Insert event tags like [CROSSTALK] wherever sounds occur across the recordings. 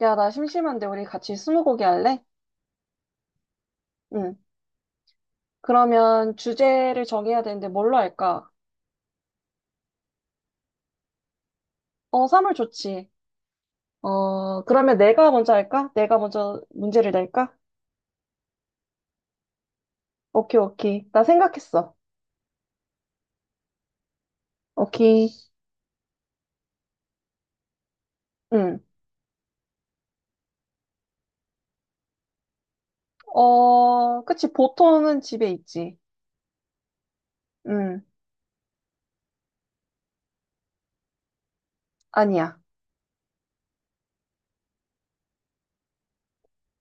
야, 나 심심한데 우리 같이 스무고개 할래? 응. 그러면 주제를 정해야 되는데 뭘로 할까? 어, 사물 좋지. 어, 그러면 내가 먼저 할까? 내가 먼저 문제를 낼까? 오케이, 오케이. 나 생각했어. 오케이. 응. 어, 그치. 보통은 집에 있지. 응. 아니야.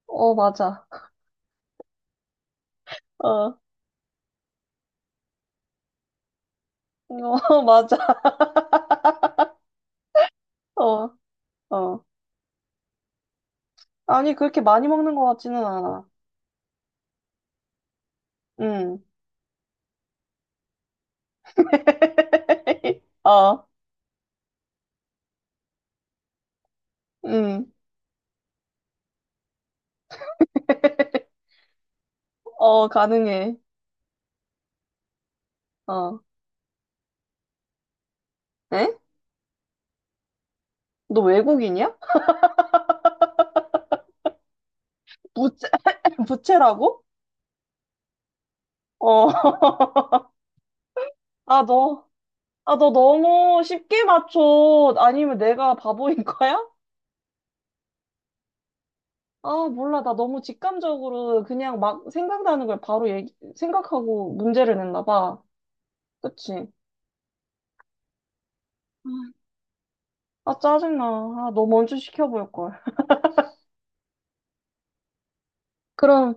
어, 맞아. [LAUGHS] 어, 어, [LAUGHS] 맞아. 어, 어. 아니, 그렇게 많이 먹는 것 같지는 않아. 응. [LAUGHS] 어, 응. 어, 가능해. 어. 에? 너 외국인이야? 부채, [LAUGHS] 부채라고? 어. [LAUGHS] 아, 너, 아, 너 너무 쉽게 맞춰. 아니면 내가 바보인 거야? 아, 몰라. 나 너무 직감적으로 그냥 막 생각나는 걸 바로 얘기, 생각하고 문제를 냈나 봐. 그치? 아, 짜증나. 아, 너 먼저 시켜볼 걸. 그럼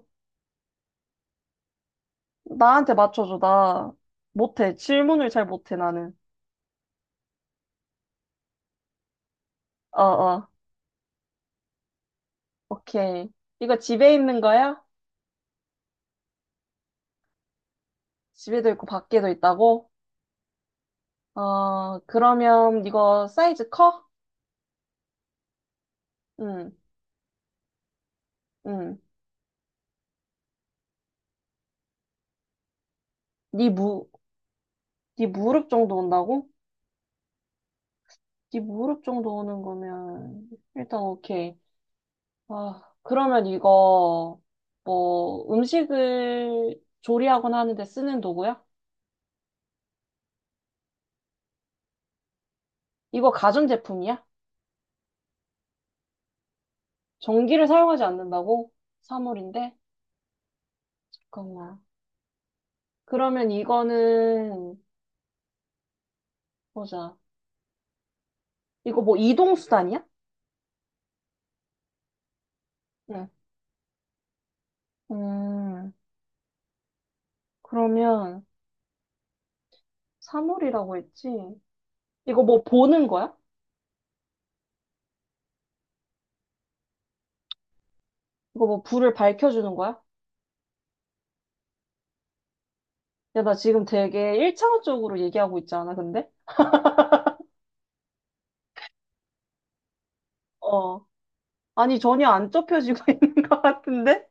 나한테 맞춰줘. 나 못해. 질문을 잘 못해, 나는. 어, 어. 오케이. 이거 집에 있는 거야? 집에도 있고 밖에도 있다고? 어, 그러면 이거 사이즈 커? 응, 응. 네 무, 네 무릎 정도 온다고? 네 무릎 정도 오는 거면 일단 오케이. 아, 그러면 이거 뭐 음식을 조리하곤 하는데 쓰는 도구야? 이거 가전제품이야? 전기를 사용하지 않는다고? 사물인데? 잠깐만. 그러면 이거는 보자. 이거 뭐 이동수단이야? 응. 음, 그러면 사물이라고 했지? 이거 뭐 보는 거야? 이거 뭐 불을 밝혀주는 거야? 야, 나 지금 되게 일차원적으로 얘기하고 있지 않아, 근데? 어. 아니, 전혀 안 좁혀지고 [LAUGHS] 있는 것 같은데?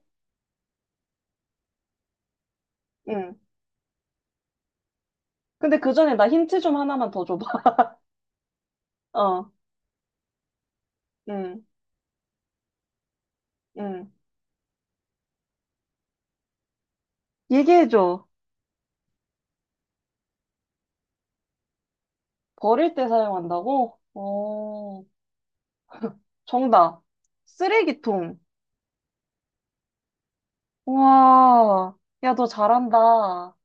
응. 근데 그 전에 나 힌트 좀 하나만 더 줘봐. [LAUGHS] 어. 응. 응. 얘기해줘. 버릴 때 사용한다고? 어. 정답. 쓰레기통. 와. 야, 너 잘한다.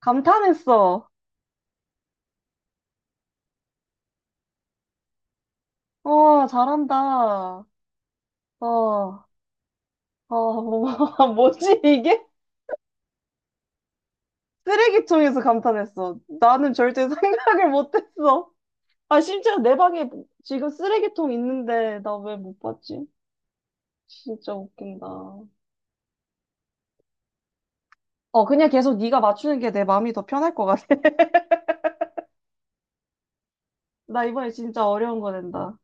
감탄했어. 어, 잘한다. 어. 아, [LAUGHS] 뭐지 이게? 쓰레기통에서 감탄했어. 나는 절대 [LAUGHS] 생각을 못했어. 아, 심지어 내 방에 지금 쓰레기통 있는데 나 왜 못 봤지? 진짜 웃긴다. 어, 그냥 계속 네가 맞추는 게 내 마음이 더 편할 것 같아. [LAUGHS] 나 이번에 진짜 어려운 거 낸다.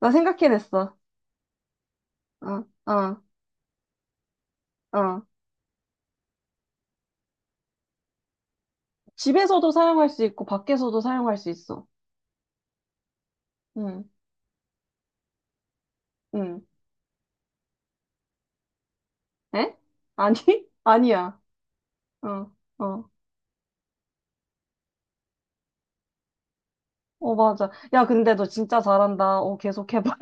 나 생각해냈어. 어, 어, 어. 집에서도 사용할 수 있고 밖에서도 사용할 수 있어. 응, 응. 에? 아니? [LAUGHS] 아니야. 어, 어. 어, 맞아. 야, 근데 너 진짜 잘한다. 어, 계속 해봐.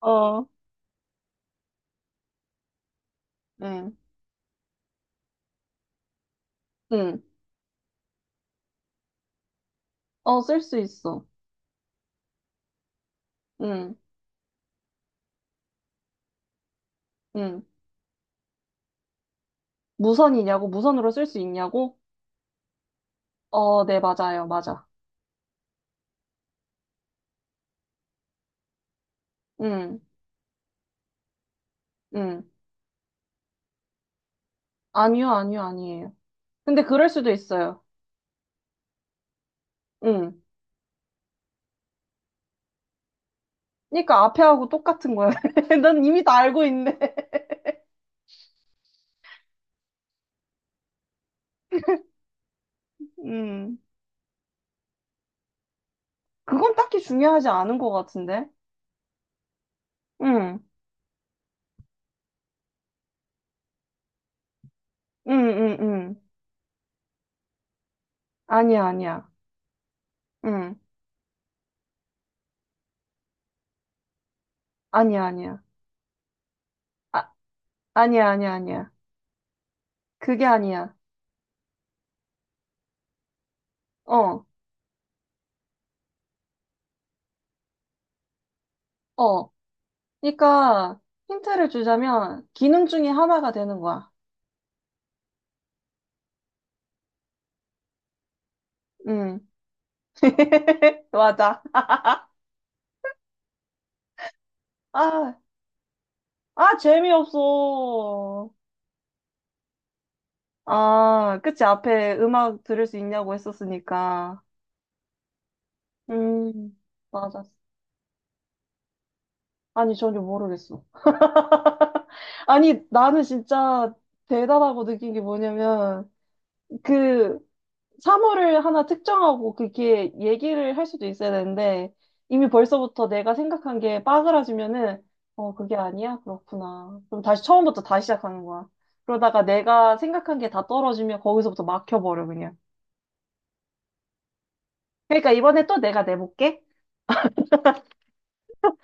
어, 응, 응. 어, 쓸 수 있어. 응, 응. 무선이냐고? 무선으로 쓸 수 있냐고? 어, 네, 맞아요. 맞아. 응, 응. 아니요, 아니요, 아니에요. 근데 그럴 수도 있어요. 응. 그러니까 앞에 하고 똑같은 거야. [LAUGHS] 난 이미 다 알고 있네. 응. 그건 딱히 중요하지 않은 것 같은데? 응, 응, 응, 응. 아니야, 아니야. 응. 아니야, 아니야. 아, 아니야, 아니야, 아니야. 그게 아니야. 어, 어. 그러니까 힌트를 주자면 기능 중에 하나가 되는 거야. 응. [LAUGHS] 맞아. 아, 아, 재미없어. 아, 그치. 앞에 음악 들을 수 있냐고 했었으니까. 음, 맞았어. 아니, 전혀 모르겠어. 아니, 나는 진짜 대단하고 느낀 게 뭐냐면, 그, 사물을 하나 특정하고 그게 얘기를 할 수도 있어야 되는데 이미 벌써부터 내가 생각한 게 빠그라지면은 어 그게 아니야? 그렇구나. 그럼 다시 처음부터 다시 시작하는 거야. 그러다가 내가 생각한 게 다 떨어지면 거기서부터 막혀버려 그냥. 그러니까 이번에 또 내가 내볼게.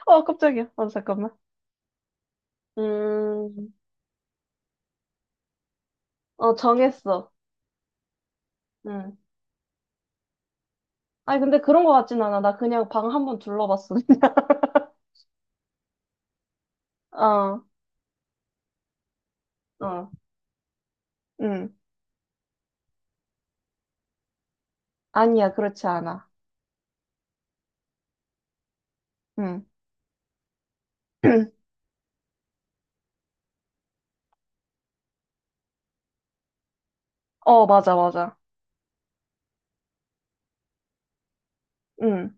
어 깜짝이야. 어 잠깐만. 음, 어 정했어. 응. 아니 근데 그런 거 같진 않아. 나 그냥 방 한번 둘러봤어. 그냥. [LAUGHS] 어, 어, 응. 아니야 그렇지 않아. 응. [CLEARS THROAT] 어 맞아 맞아. 응.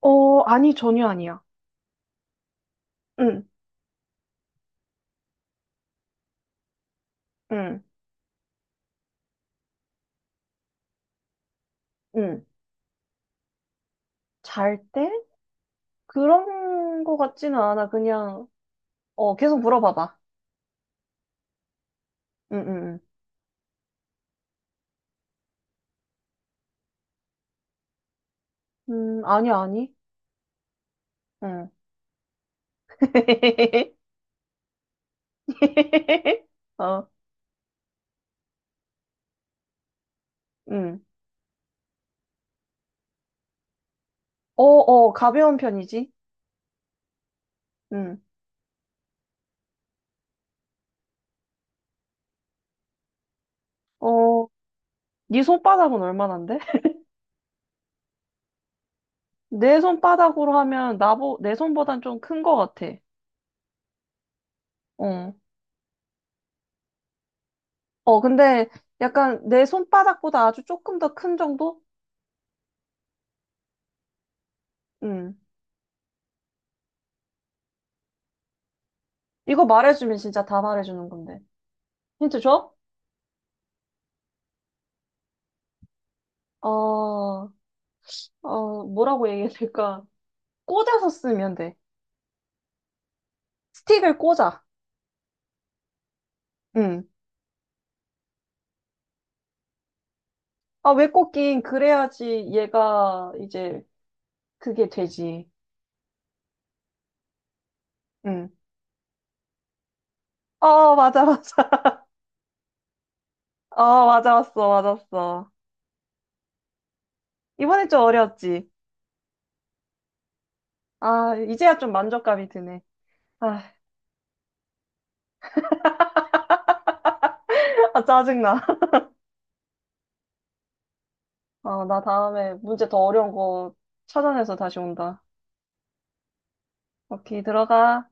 어, 아니, 전혀 아니야. 응, 응, 응. 잘 때? 그런 거 같지는 않아. 그냥, 어, 계속 물어봐봐. 응, 응, 응. 아니, 아니. 응. [LAUGHS] 어, 응. 어, 어, 가벼운 편이지. 응. 어, 네 손바닥은 얼마나인데? [LAUGHS] 내 손바닥으로 하면 내 손보단 좀 큰 거 같아. 어. 어, 근데 약간 내 손바닥보다 아주 조금 더 큰 정도? 응 이거 말해주면 진짜 다 말해주는 건데. 힌트 줘? 어, 어, 뭐라고 얘기해야 될까? 꽂아서 쓰면 돼. 스틱을 꽂아. 응. 아, 왜 꽂긴? 그래야지 얘가 이제 그게 되지. 응. 어, 맞아, 맞아. [LAUGHS] 어, 맞았어, 맞았어. 이번엔 좀 어려웠지? 아, 이제야 좀 만족감이 드네. 아, [LAUGHS] 아, 짜증나. 어, 나 다음에 문제 더 어려운 거 찾아내서 다시 온다. 오케이, 들어가.